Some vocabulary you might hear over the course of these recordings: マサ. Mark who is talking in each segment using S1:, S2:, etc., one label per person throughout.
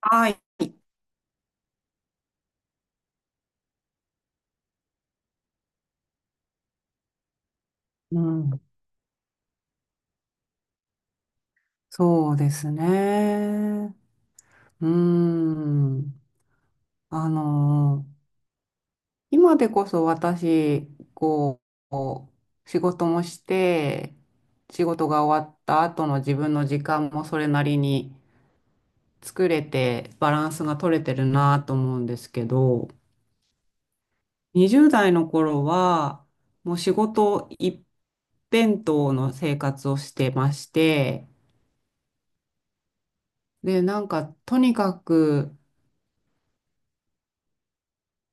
S1: はい。うん、そうですね。うん。あの、今でこそ私、こう、仕事もして、仕事が終わった後の自分の時間もそれなりに作れて、バランスが取れてるなと思うんですけど、20代の頃は、もう仕事一辺倒の生活をしてまして、で、とにかく、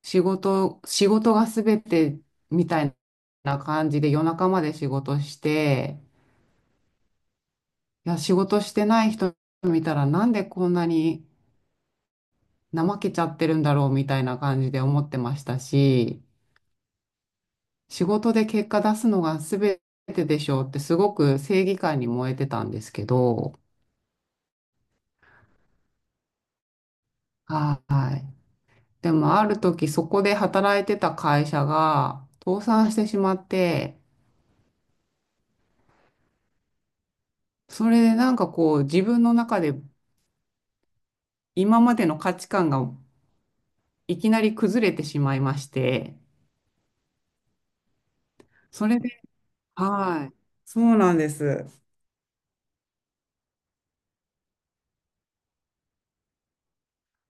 S1: 仕事が全てみたいな感じで夜中まで仕事して、いや、仕事してない人見たらなんでこんなに怠けちゃってるんだろうみたいな感じで思ってましたし、仕事で結果出すのが全てでしょうってすごく正義感に燃えてたんですけど、はい。でもある時そこで働いてた会社が倒産してしまって、それでなんかこう自分の中で今までの価値観がいきなり崩れてしまいまして、それで、はい、そうなんです。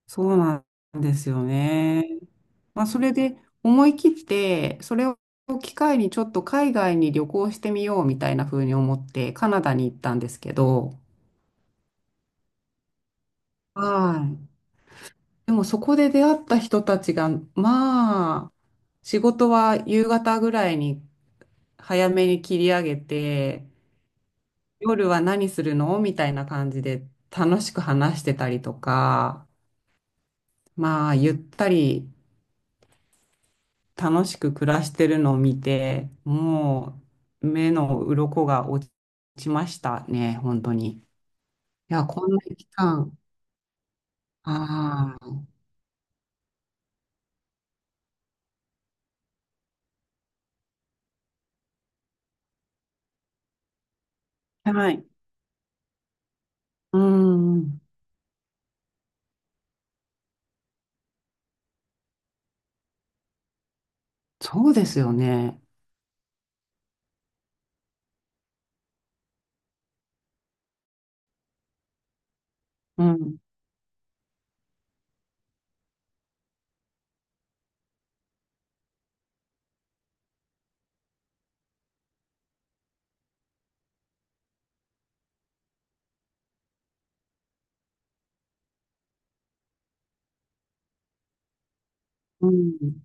S1: そうなんですよね。まあ、それで思い切って、それを機会にちょっと海外に旅行してみようみたいな風に思って、カナダに行ったんですけど、はい。でもそこで出会った人たちが、まあ、仕事は夕方ぐらいに早めに切り上げて、夜は何するのみたいな感じで楽しく話してたりとか、まあ、ゆったり楽しく暮らしてるのを見て、もう目の鱗が落ちましたね、本当に。いや、こんな期間、ああ、はい。うん、そうですよね。うん、うん、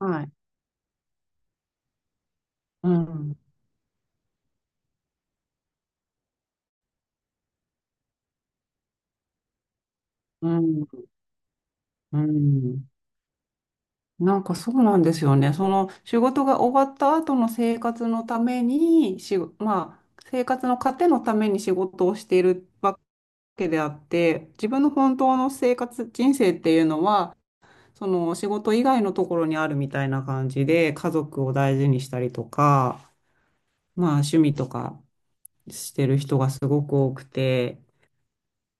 S1: はい。うん、うん、うん。なんかそうなんですよね。その仕事が終わった後の生活のために、まあ、生活の糧のために仕事をしているわけであって、自分の本当の生活、人生っていうのは、その仕事以外のところにあるみたいな感じで、家族を大事にしたりとか、まあ趣味とかしてる人がすごく多くて、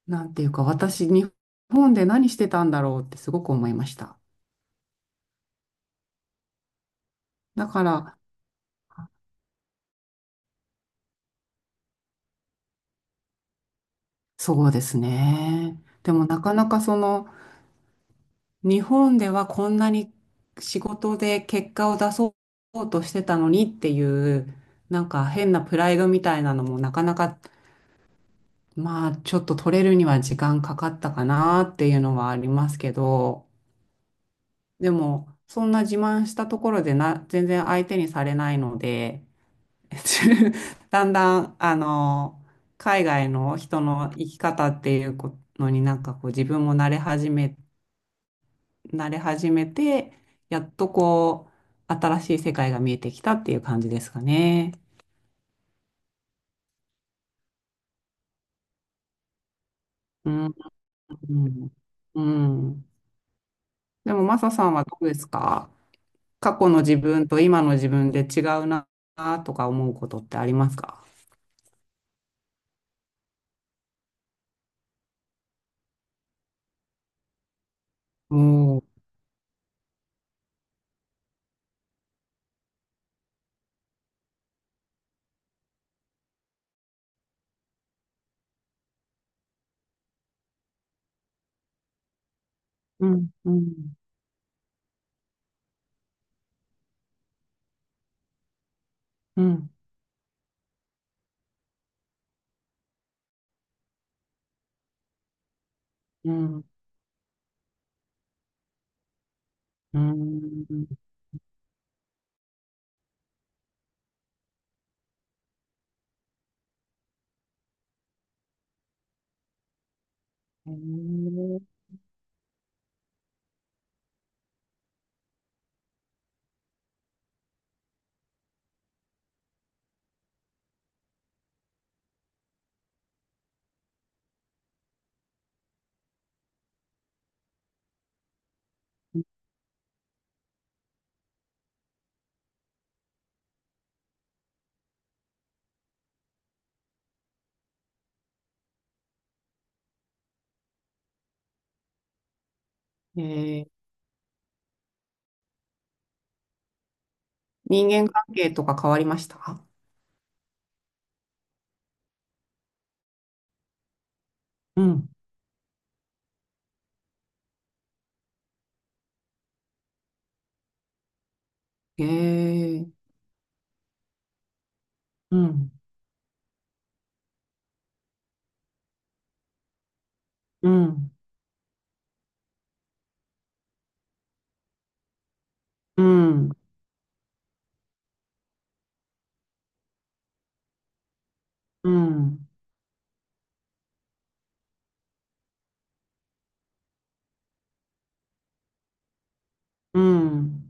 S1: なんていうか私、日本で何してたんだろうってすごく思いました。だから、そうですね。でもなかなかその日本ではこんなに仕事で結果を出そうとしてたのにっていうなんか変なプライドみたいなのもなかなかまあちょっと取れるには時間かかったかなっていうのはありますけど、でもそんな自慢したところでな全然相手にされないので、 だんだんあの海外の人の生き方っていうこのになんかこう自分も慣れ始めて、やっとこう、新しい世界が見えてきたっていう感じですかね。うん。うん。うん。でも、マサさんはどうですか？過去の自分と今の自分で違うなとか思うことってありますか？おー。うん、うん、うん、うん、うん。へーえー。人間関係とか変わりました？うん。へえ、うん、うん、うん、うん、うん。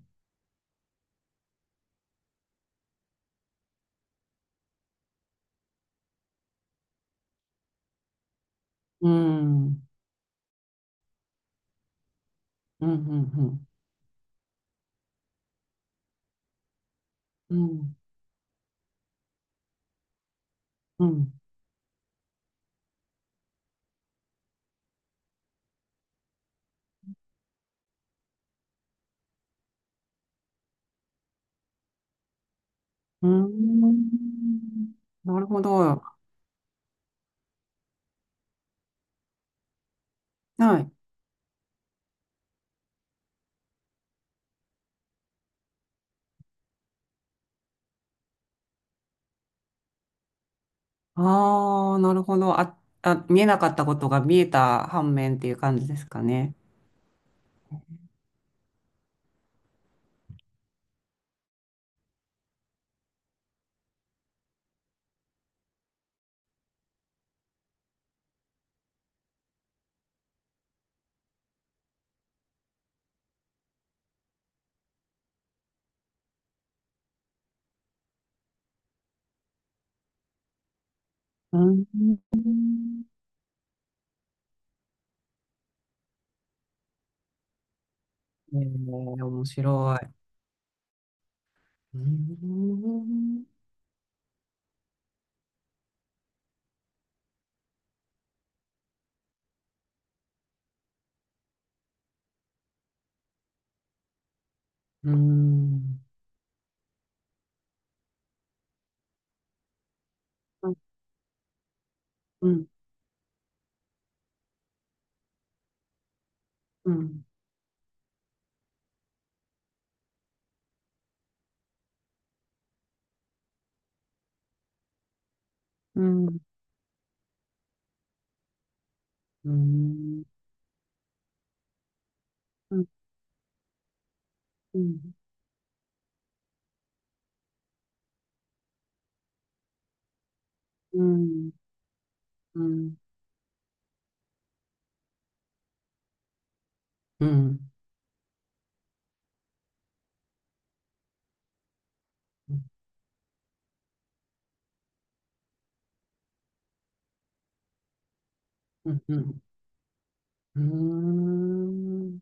S1: うん、うん、うん、うん、うん、うん、うん。なるほど。はい。ああ、なるほど。あ、あ、見えなかったことが見えた反面っていう感じですかね。うん。えー、面白い。うん。うん。うん。うん。うん。うん。うん。うん。うん。うん。うん。うん。うん。うん。う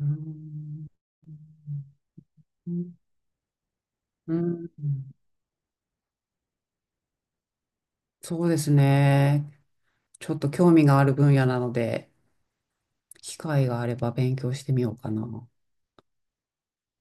S1: ーん。うん、そうですね。ちょっと興味がある分野なので、機会があれば勉強してみようかな。